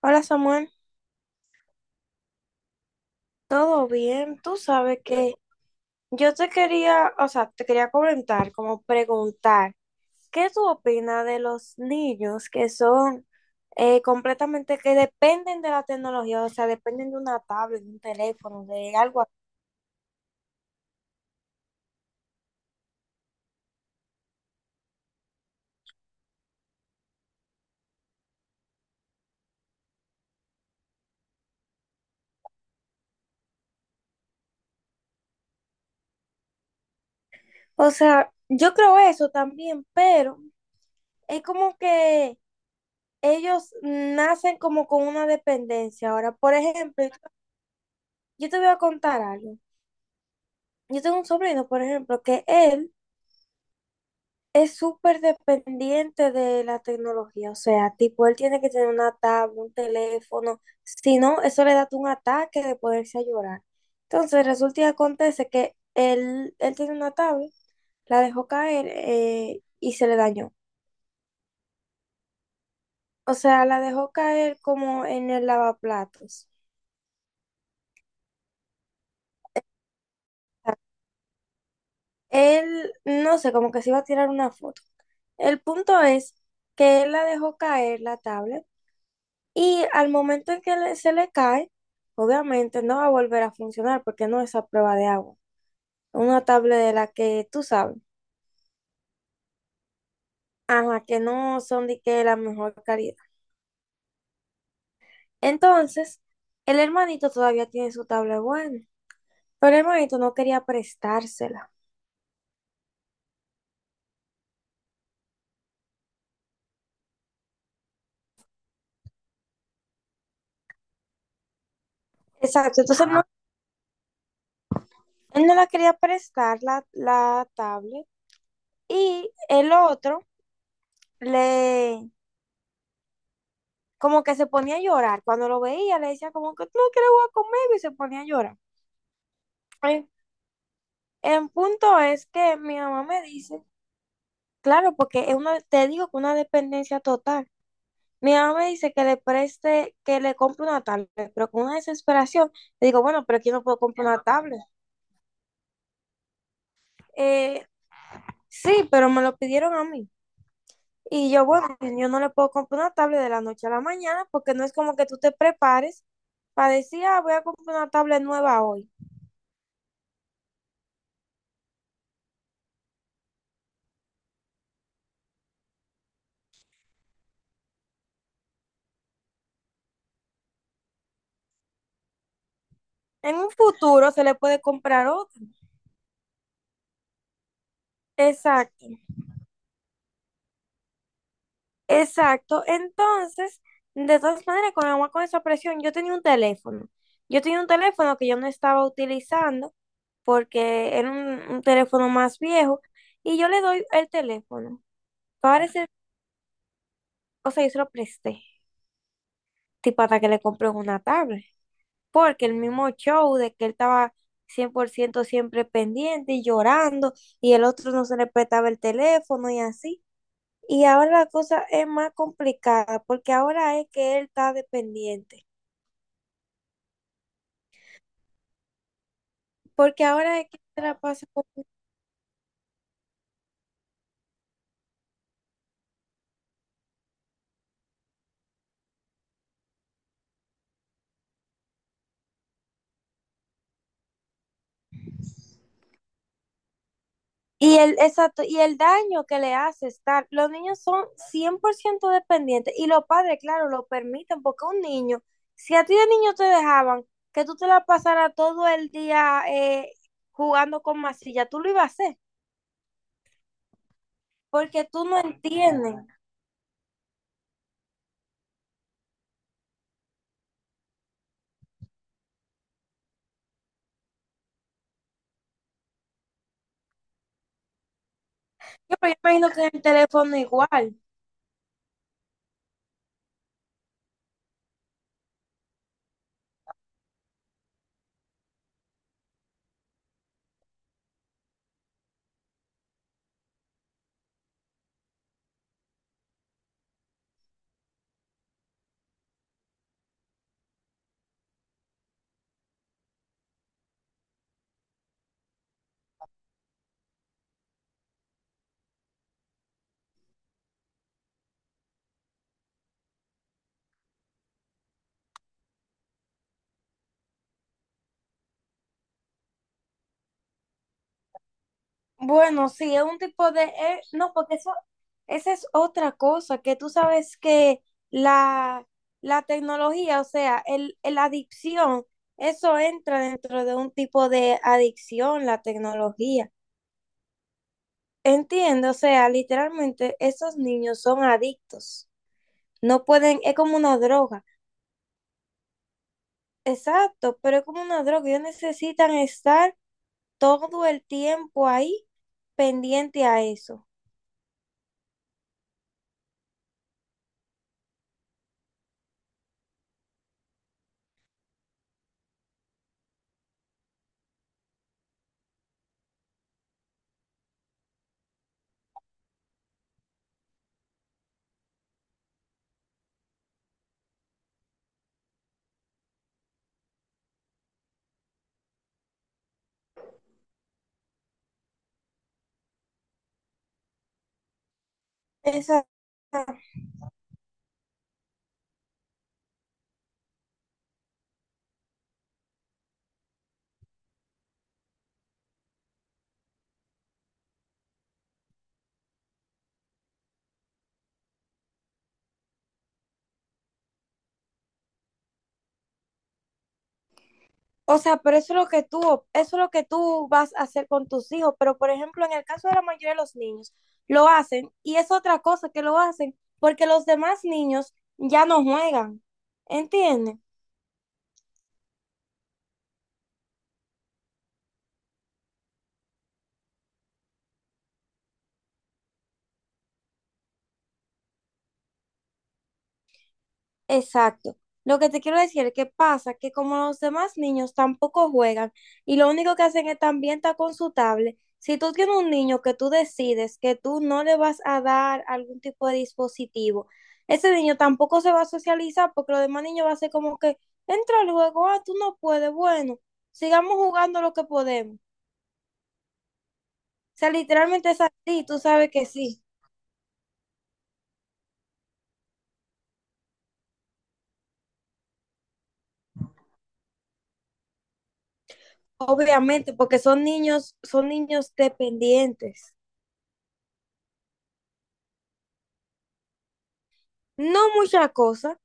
Hola Samuel, ¿todo bien? Tú sabes que yo te quería, o sea, te quería comentar, como preguntar, ¿qué tú opinas de los niños que son completamente, que dependen de la tecnología, o sea, dependen de una tablet, de un teléfono, de algo así? O sea, yo creo eso también, pero es como que ellos nacen como con una dependencia. Ahora, por ejemplo, yo te voy a contar algo. Yo tengo un sobrino, por ejemplo, que él... Es súper dependiente de la tecnología, o sea, tipo, él tiene que tener una tablet, un teléfono, si no, eso le da un ataque de poderse a llorar. Entonces, resulta y acontece que él tiene una tablet, la dejó caer y se le dañó. O sea, la dejó caer como en el lavaplatos. Él, no sé, como que se iba a tirar una foto. El punto es que él la dejó caer, la tablet, y al momento en que le- se le cae, obviamente no va a volver a funcionar porque no es a prueba de agua. Una tablet de la que tú sabes, a la que no son de que la mejor calidad. Entonces, el hermanito todavía tiene su tablet buena, pero el hermanito no quería prestársela. Exacto, entonces no- él no la quería prestar la, la tablet y el otro le, como que se ponía a llorar. Cuando lo veía le decía como que no, que le voy a comer y se ponía a llorar. El punto es que mi mamá me dice, claro, porque es una, te digo que una dependencia total. Mi mamá me dice que le preste, que le compre una tablet, pero con una desesperación le digo, bueno, pero aquí no puedo comprar una tablet. Eh, sí, pero me lo pidieron a mí. Y yo, bueno, yo no le puedo comprar una tablet de la noche a la mañana porque no es como que tú te prepares para decir, ah, voy a comprar una tablet nueva hoy. En un futuro se le puede comprar otra. Exacto. Exacto. Entonces, de todas maneras, con agua con esa presión, yo tenía un teléfono. Yo tenía un teléfono que yo no estaba utilizando porque era un teléfono más viejo y yo le doy el teléfono. Parece, o sea, yo se lo presté, tipo hasta que le compré una tablet, porque el mismo show de que él estaba 100% siempre pendiente y llorando y el otro no se le prestaba el teléfono y así. Y ahora la cosa es más complicada porque ahora es que él está dependiente. Porque ahora es que se la pasa con- Y el, exacto, y el daño que le hace estar, los niños son 100% dependientes y los padres, claro, lo permiten porque un niño, si a ti de niño te dejaban que tú te la pasaras todo el día jugando con masilla, tú lo ibas a hacer porque tú no entiendes. Yo me imagino que en el teléfono igual. Bueno, sí, es un tipo de... no, porque eso, esa es otra cosa, que tú sabes que la, la tecnología, o sea, la adicción, eso entra dentro de un tipo de adicción, la tecnología. Entiendo, o sea, literalmente esos niños son adictos. No pueden, es como una droga. Exacto, pero es como una droga. Ellos necesitan estar todo el tiempo ahí pendiente a eso. Exacto. O sea, pero eso es lo que tú, eso es lo que tú vas a hacer con tus hijos. Pero, por ejemplo, en el caso de la mayoría de los niños, lo hacen y es otra cosa que lo hacen porque los demás niños ya no juegan. ¿Entiendes? Exacto. Lo que te quiero decir es que pasa que como los demás niños tampoco juegan y lo único que hacen es también estar con su tablet, si tú tienes un niño que tú decides que tú no le vas a dar algún tipo de dispositivo, ese niño tampoco se va a socializar porque los demás niños va a ser como que entra al juego, ah, tú no puedes, bueno, sigamos jugando lo que podemos. O sea, literalmente es así, tú sabes que sí, obviamente, porque son niños dependientes. No mucha cosa.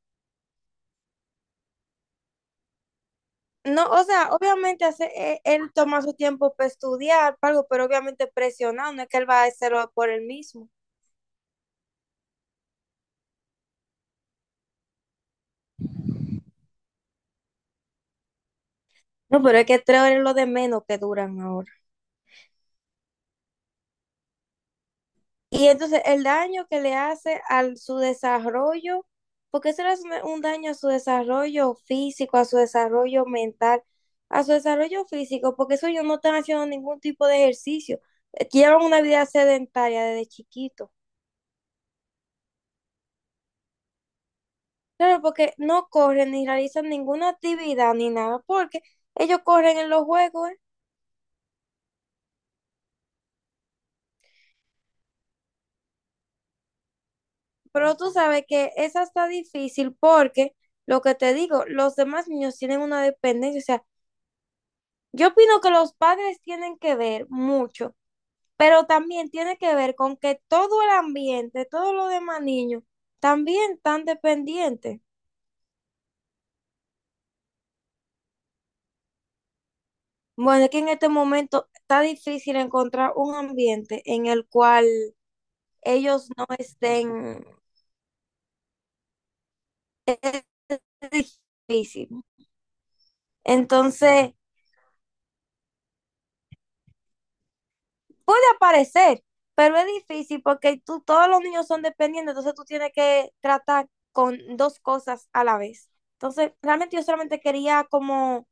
No, o sea, obviamente hace, e- él toma su tiempo para estudiar, para algo, pero obviamente presionado, no es que él va a hacerlo por él mismo. No, pero es que 3 horas es lo de menos que duran ahora. Y entonces el daño que le hace a su desarrollo, porque eso es un daño a su desarrollo físico, a su desarrollo mental, a su desarrollo físico, porque eso ellos no están haciendo ningún tipo de ejercicio. Llevan una vida sedentaria desde chiquito. Claro, porque no corren ni realizan ninguna actividad ni nada, porque ellos corren en los juegos, ¿eh? Pero tú sabes que esa está difícil porque, lo que te digo, los demás niños tienen una dependencia. O sea, yo opino que los padres tienen que ver mucho, pero también tiene que ver con que todo el ambiente, todos los demás niños, también están dependientes. Bueno, es que en este momento está difícil encontrar un ambiente en el cual ellos no estén difícil. Entonces, puede aparecer, pero es difícil porque tú, todos los niños son dependientes, entonces tú tienes que tratar con dos cosas a la vez. Entonces, realmente yo solamente quería como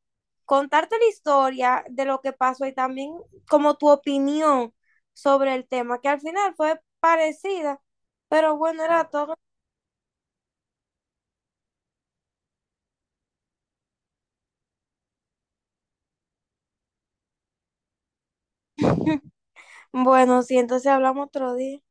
contarte la historia de lo que pasó y también como tu opinión sobre el tema, que al final fue parecida, pero bueno, era todo. Bueno, sí, entonces hablamos otro día.